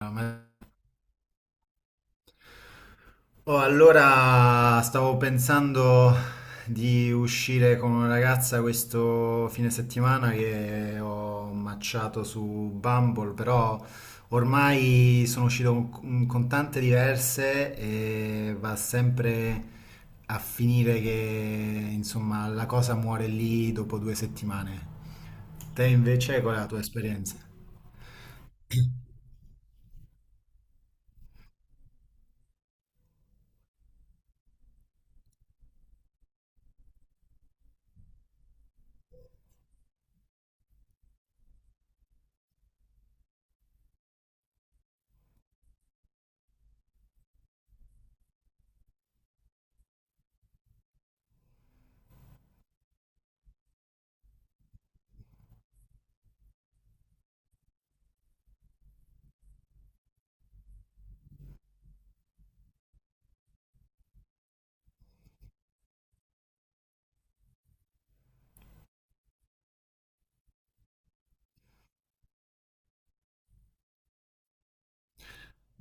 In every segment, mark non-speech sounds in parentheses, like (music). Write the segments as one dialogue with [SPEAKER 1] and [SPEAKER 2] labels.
[SPEAKER 1] Ma- Oh, allora stavo pensando di uscire con una ragazza questo fine settimana che ho matchato su Bumble, però ormai sono uscito con tante diverse e va sempre a finire che insomma la cosa muore lì dopo 2 settimane. Te invece, qual è la tua esperienza?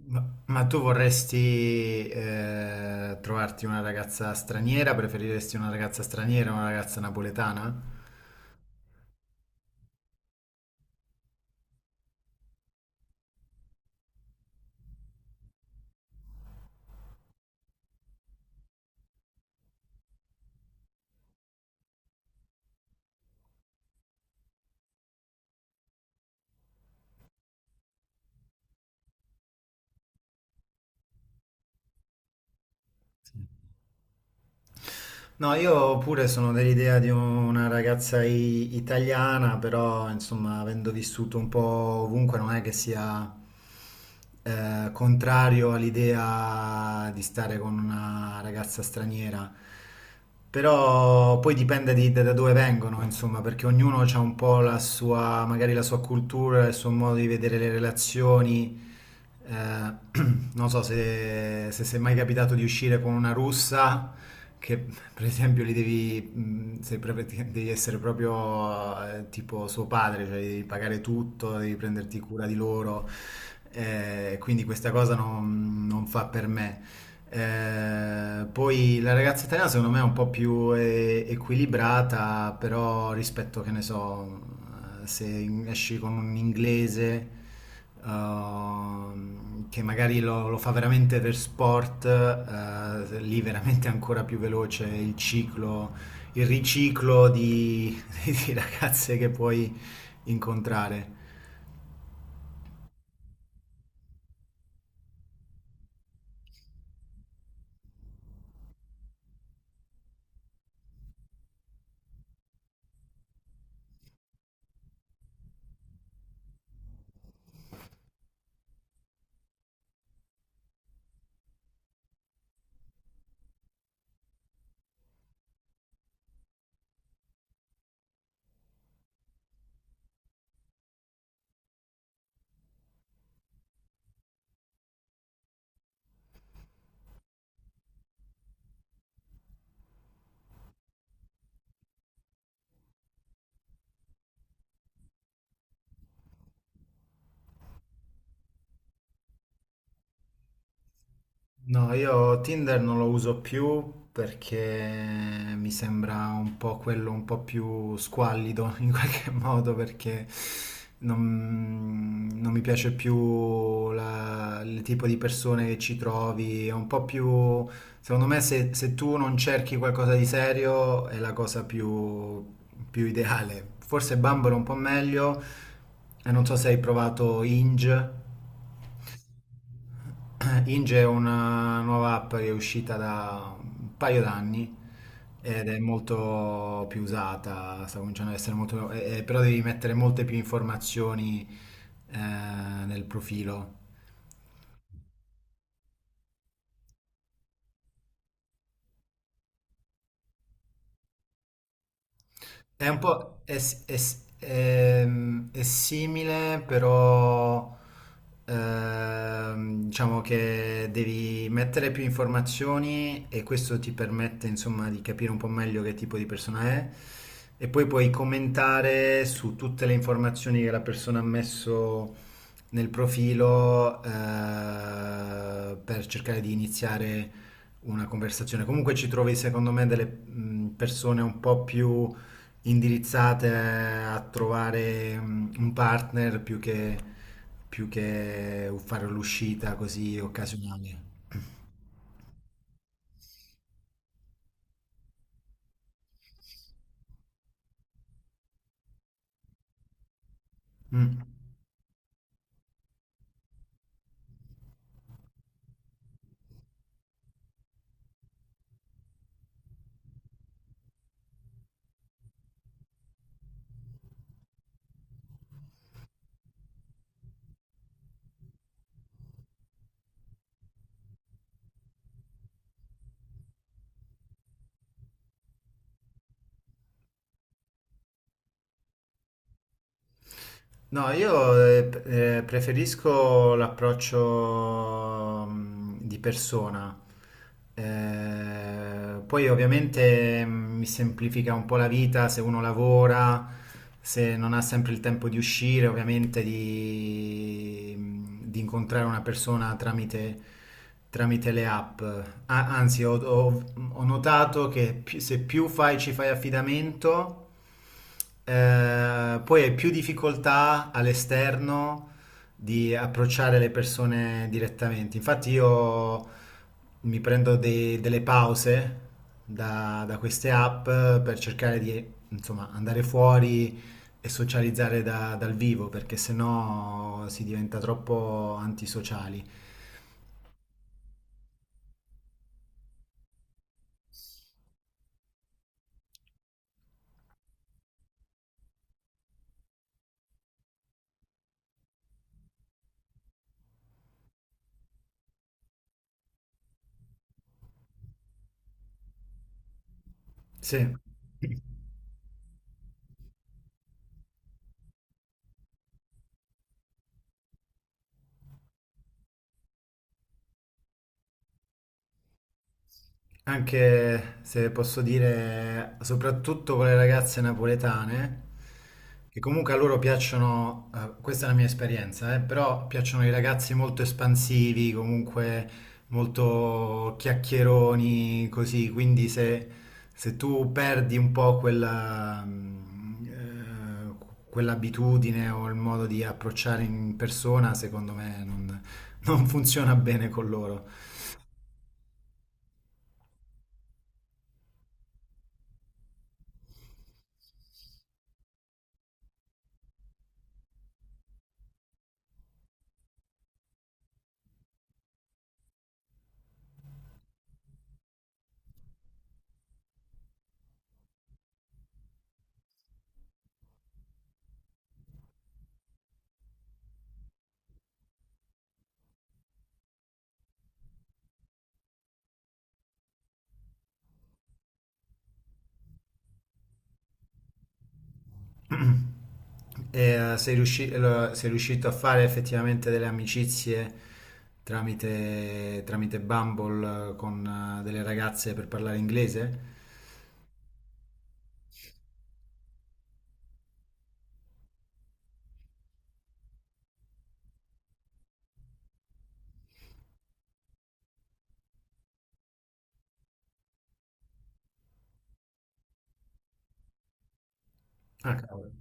[SPEAKER 1] Ma, ma tu vorresti trovarti una ragazza straniera? Preferiresti una ragazza straniera o una ragazza napoletana? No, io pure sono dell'idea di una ragazza italiana, però insomma, avendo vissuto un po' ovunque, non è che sia contrario all'idea di stare con una ragazza straniera. Però poi dipende da dove vengono, insomma, perché ognuno ha un po' la sua, magari la sua cultura, il suo modo di vedere le relazioni. Eh, (clears throat) Non so se è mai capitato di uscire con una russa che (laughs) per esempio li devi, se pre- devi essere proprio tipo suo padre, cioè devi pagare tutto, devi prenderti cura di loro, quindi questa cosa non fa per me. Poi la ragazza italiana secondo me è un po' più equilibrata, però rispetto, che ne so, se esci con un inglese che magari lo fa veramente per sport, lì veramente è ancora più veloce il ciclo, il riciclo di, (laughs) di ragazze che puoi incontrare. No, io Tinder non lo uso più perché mi sembra un po' quello un po' più squallido in qualche (laughs) modo perché non mi piace più il tipo di persone che ci trovi, è un po' più. Secondo me se tu non cerchi qualcosa di serio è la cosa più ideale. Forse Bumble è un po' meglio e non so se hai provato Hinge. Inge è una nuova app che è uscita da un paio d'anni ed è molto più usata, sta cominciando ad essere molto. Però devi mettere molte più informazioni nel profilo. È un po' è, s- è s- è simile, però diciamo che devi mettere più informazioni e questo ti permette insomma di capire un po' meglio che tipo di persona è, e poi puoi commentare su tutte le informazioni che la persona ha messo nel profilo per cercare di iniziare una conversazione. Comunque ci trovi, secondo me, delle persone un po' più indirizzate a trovare un partner più che fare l'uscita così occasionale. Mm. No, io preferisco l'approccio di persona. Poi ovviamente mi semplifica un po' la vita se uno lavora, se non ha sempre il tempo di uscire, ovviamente di incontrare una persona tramite le app. Anzi, ho notato che se più fai, ci fai affidamento. Poi hai più difficoltà all'esterno di approcciare le persone direttamente. Infatti io mi prendo delle pause da queste app per cercare di, insomma, andare fuori e socializzare dal vivo, perché sennò si diventa troppo antisociali. Sì. Anche se posso dire, soprattutto con le ragazze napoletane, che comunque a loro piacciono, questa è la mia esperienza, però piacciono i ragazzi molto espansivi, comunque molto chiacchieroni, così, quindi se tu perdi un po' quell'abitudine o il modo di approcciare in persona, secondo me non funziona bene con loro. E sei riuscito a fare effettivamente delle amicizie tramite Bumble con delle ragazze per parlare inglese? Ah, cavolo.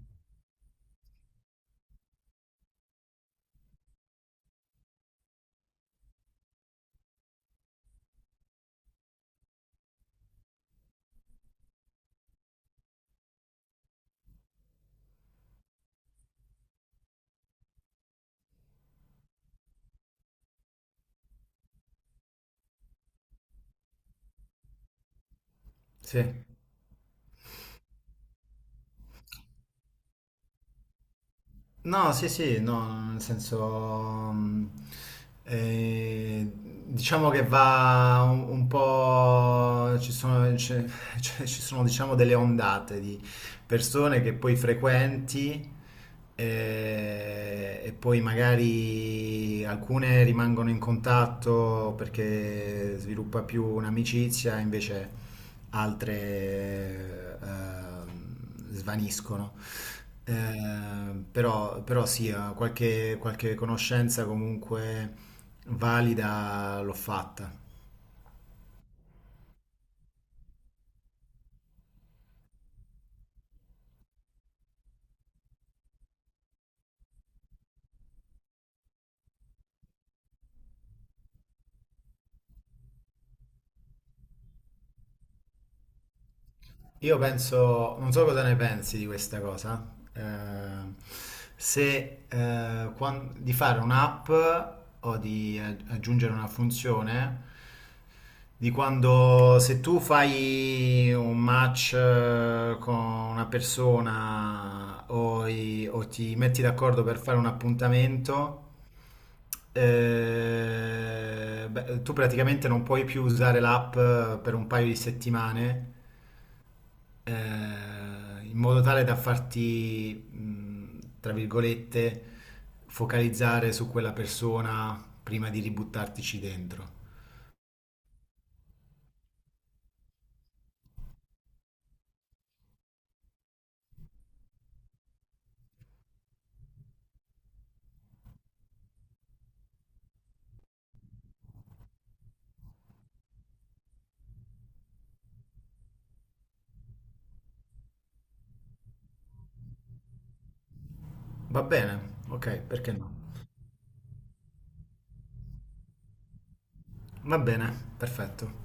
[SPEAKER 1] Sì. No, sì, sì, no, nel senso, eh, diciamo che va un po', ci sono, diciamo, delle ondate di persone che poi frequenti e poi magari alcune rimangono in contatto perché sviluppa più un'amicizia, invece altre svaniscono. Però sì, qualche conoscenza comunque valida l'ho fatta. Io penso, non so cosa ne pensi di questa cosa, se, di fare un'app o di aggiungere una funzione di quando se tu fai un match con una persona, o o ti metti d'accordo per fare un appuntamento. Beh, tu praticamente non puoi più usare l'app per un paio di settimane, in modo tale da farti, tra virgolette, focalizzare su quella persona prima di ributtartici dentro. Va bene, ok, perché no? Va bene, perfetto.